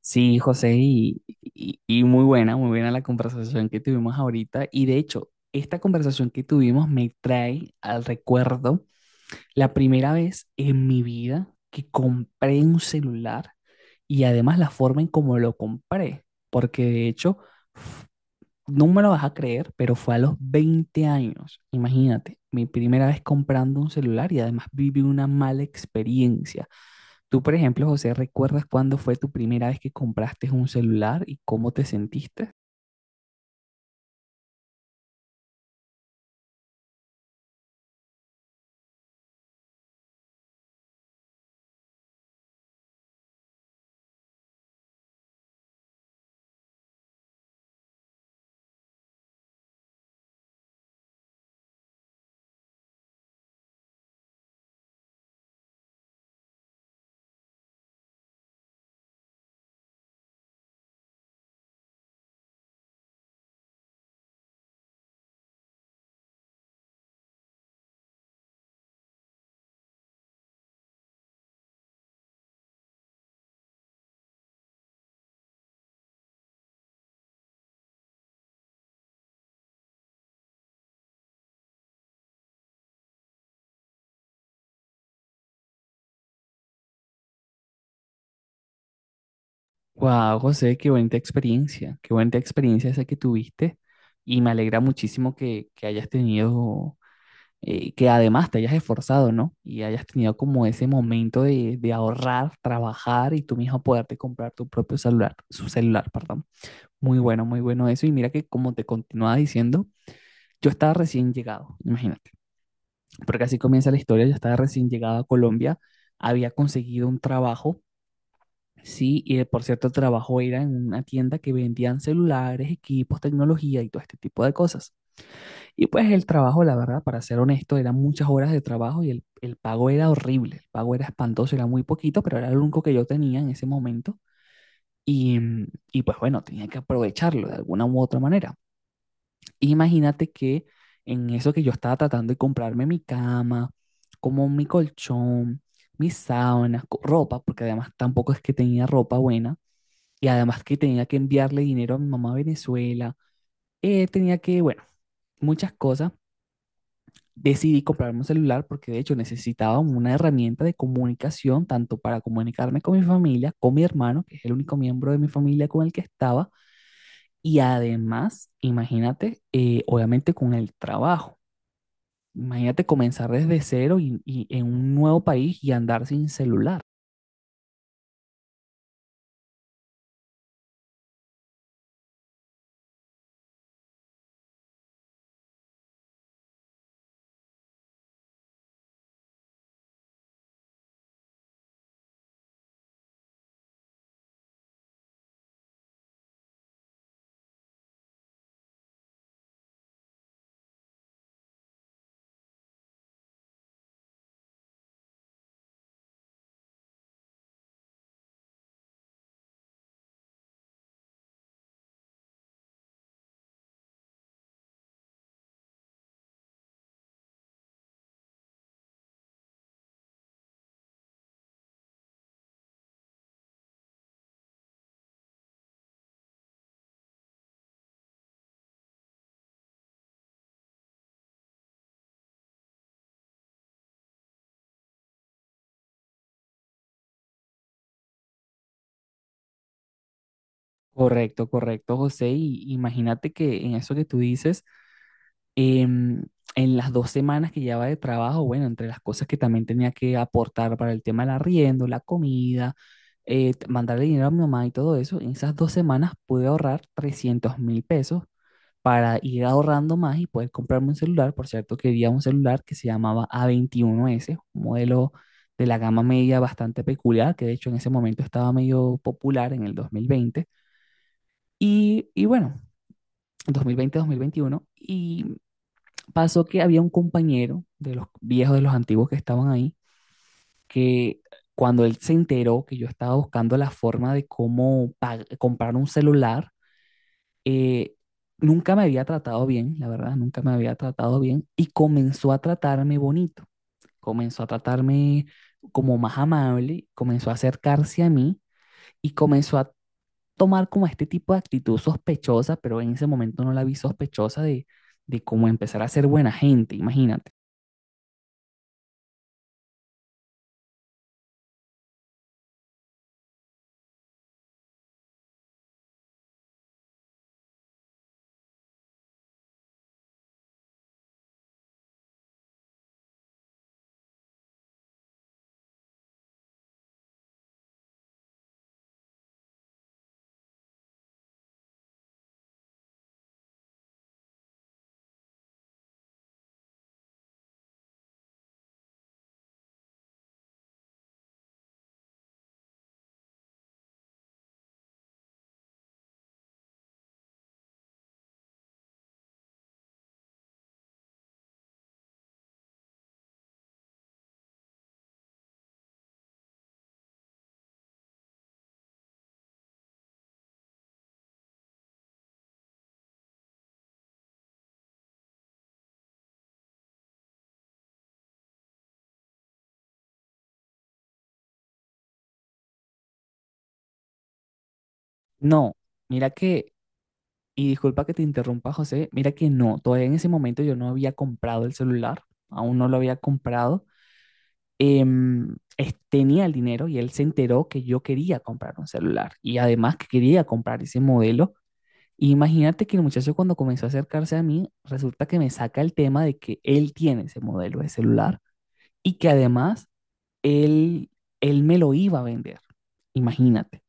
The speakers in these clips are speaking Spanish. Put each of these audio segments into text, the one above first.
Sí, José, y muy buena la conversación que tuvimos ahorita. Y de hecho, esta conversación que tuvimos me trae al recuerdo la primera vez en mi vida que compré un celular y además la forma en cómo lo compré, porque de hecho, f- no me lo vas a creer, pero fue a los 20 años, imagínate, mi primera vez comprando un celular y además viví una mala experiencia. Tú, por ejemplo, José, ¿recuerdas cuándo fue tu primera vez que compraste un celular y cómo te sentiste? Wow, José, qué bonita experiencia esa que tuviste y me alegra muchísimo que hayas tenido, que además te hayas esforzado, ¿no? Y hayas tenido como ese momento de ahorrar, trabajar y tú mismo poderte comprar tu propio celular, su celular, perdón. Muy bueno, muy bueno eso y mira que como te continuaba diciendo, yo estaba recién llegado, imagínate. Porque así comienza la historia, ella estaba recién llegada a Colombia, había conseguido un trabajo, sí, y por cierto el trabajo era en una tienda que vendían celulares, equipos, tecnología y todo este tipo de cosas. Y pues el trabajo, la verdad, para ser honesto, eran muchas horas de trabajo y el pago era horrible, el pago era espantoso, era muy poquito, pero era lo único que yo tenía en ese momento. Y pues bueno, tenía que aprovecharlo de alguna u otra manera. Imagínate que en eso que yo estaba tratando de comprarme mi cama, como mi colchón, mis sábanas, ropa, porque además tampoco es que tenía ropa buena, y además que tenía que enviarle dinero a mi mamá a Venezuela, tenía que, bueno, muchas cosas. Decidí comprarme un celular porque de hecho necesitaba una herramienta de comunicación, tanto para comunicarme con mi familia, con mi hermano, que es el único miembro de mi familia con el que estaba, y además, imagínate, obviamente con el trabajo. Imagínate comenzar desde cero y en un nuevo país y andar sin celular. Correcto, correcto, José. Y imagínate que en eso que tú dices, em, en las dos semanas que llevaba de trabajo, bueno, entre las cosas que también tenía que aportar para el tema del arriendo, la comida, mandarle dinero a mi mamá y todo eso, en esas dos semanas pude ahorrar 300.000 pesos para ir ahorrando más y poder comprarme un celular. Por cierto, quería un celular que se llamaba A21S, un modelo de la gama media bastante peculiar, que de hecho en ese momento estaba medio popular en el 2020. Y bueno, 2020-2021. Y pasó que había un compañero de los viejos, de los antiguos que estaban ahí, que cuando él se enteró que yo estaba buscando la forma de cómo comprar un celular, eh, nunca me había tratado bien, la verdad, nunca me había tratado bien y comenzó a tratarme bonito, comenzó a tratarme como más amable, comenzó a acercarse a mí y comenzó a tomar como este tipo de actitud sospechosa, pero en ese momento no la vi sospechosa de cómo empezar a ser buena gente, imagínate. No, mira que, y disculpa que te interrumpa, José, mira que no, todavía en ese momento yo no había comprado el celular, aún no lo había comprado. Tenía el dinero y él se enteró que yo quería comprar un celular y además que quería comprar ese modelo. Y imagínate que el muchacho cuando comenzó a acercarse a mí, resulta que me saca el tema de que él tiene ese modelo de celular y que además él, él me lo iba a vender. Imagínate.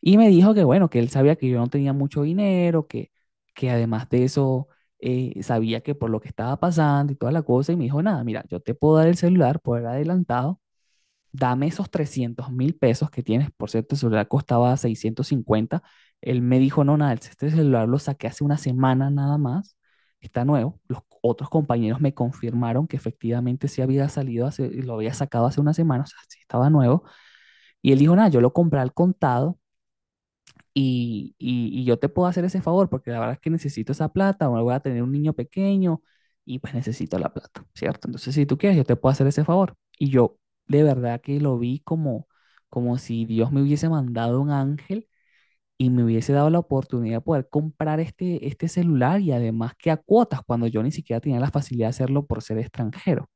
Y me dijo que bueno, que él sabía que yo no tenía mucho dinero, que además de eso sabía que por lo que estaba pasando y toda la cosa, y me dijo, nada, mira, yo te puedo dar el celular por adelantado, dame esos 300.000 pesos que tienes, por cierto, el celular costaba 650. Él me dijo, no, nada, este celular lo saqué hace una semana nada más, está nuevo, los otros compañeros me confirmaron que efectivamente sí había salido, hace, lo había sacado hace una semana, o sea, sí estaba nuevo, y él dijo, nada, yo lo compré al contado, y yo te puedo hacer ese favor porque la verdad es que necesito esa plata o voy a tener un niño pequeño y pues necesito la plata, ¿cierto? Entonces, si tú quieres, yo te puedo hacer ese favor. Y yo de verdad que lo vi como, como si Dios me hubiese mandado un ángel y me hubiese dado la oportunidad de poder comprar este, este celular y además que a cuotas cuando yo ni siquiera tenía la facilidad de hacerlo por ser extranjero.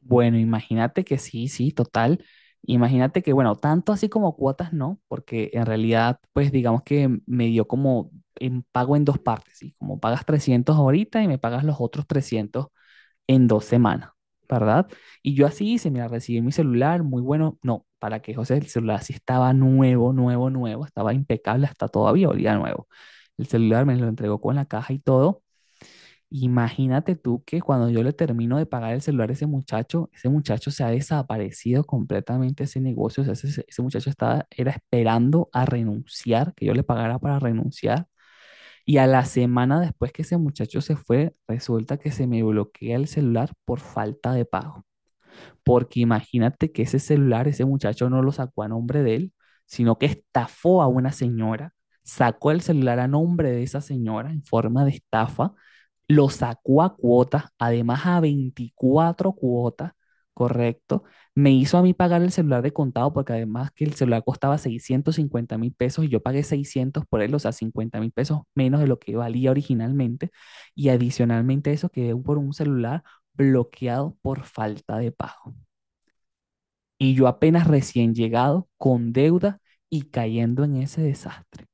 Bueno, imagínate que sí, sí, total. Imagínate que, bueno, tanto así como cuotas no, porque en realidad, pues digamos que me dio como en pago en dos partes, ¿sí? Como pagas 300 ahorita y me pagas los otros 300 en dos semanas, ¿verdad? Y yo así hice, mira, recibí mi celular, muy bueno. No, para que José, el celular sí estaba nuevo, nuevo, nuevo, estaba impecable hasta todavía, olía nuevo. El celular me lo entregó con la caja y todo. Imagínate tú que cuando yo le termino de pagar el celular a ese muchacho se ha desaparecido completamente ese negocio. O sea, ese muchacho estaba, era esperando a renunciar, que yo le pagara para renunciar. Y a la semana después que ese muchacho se fue, resulta que se me bloquea el celular por falta de pago porque imagínate que ese celular, ese muchacho no lo sacó a nombre de él, sino que estafó a una señora, sacó el celular a nombre de esa señora en forma de estafa, lo sacó a cuotas, además a 24 cuotas, correcto, me hizo a mí pagar el celular de contado porque además que el celular costaba 650.000 pesos y yo pagué 600 por él, o sea, 50.000 pesos menos de lo que valía originalmente y adicionalmente eso quedé por un celular bloqueado por falta de pago. Y yo apenas recién llegado, con deuda y cayendo en ese desastre.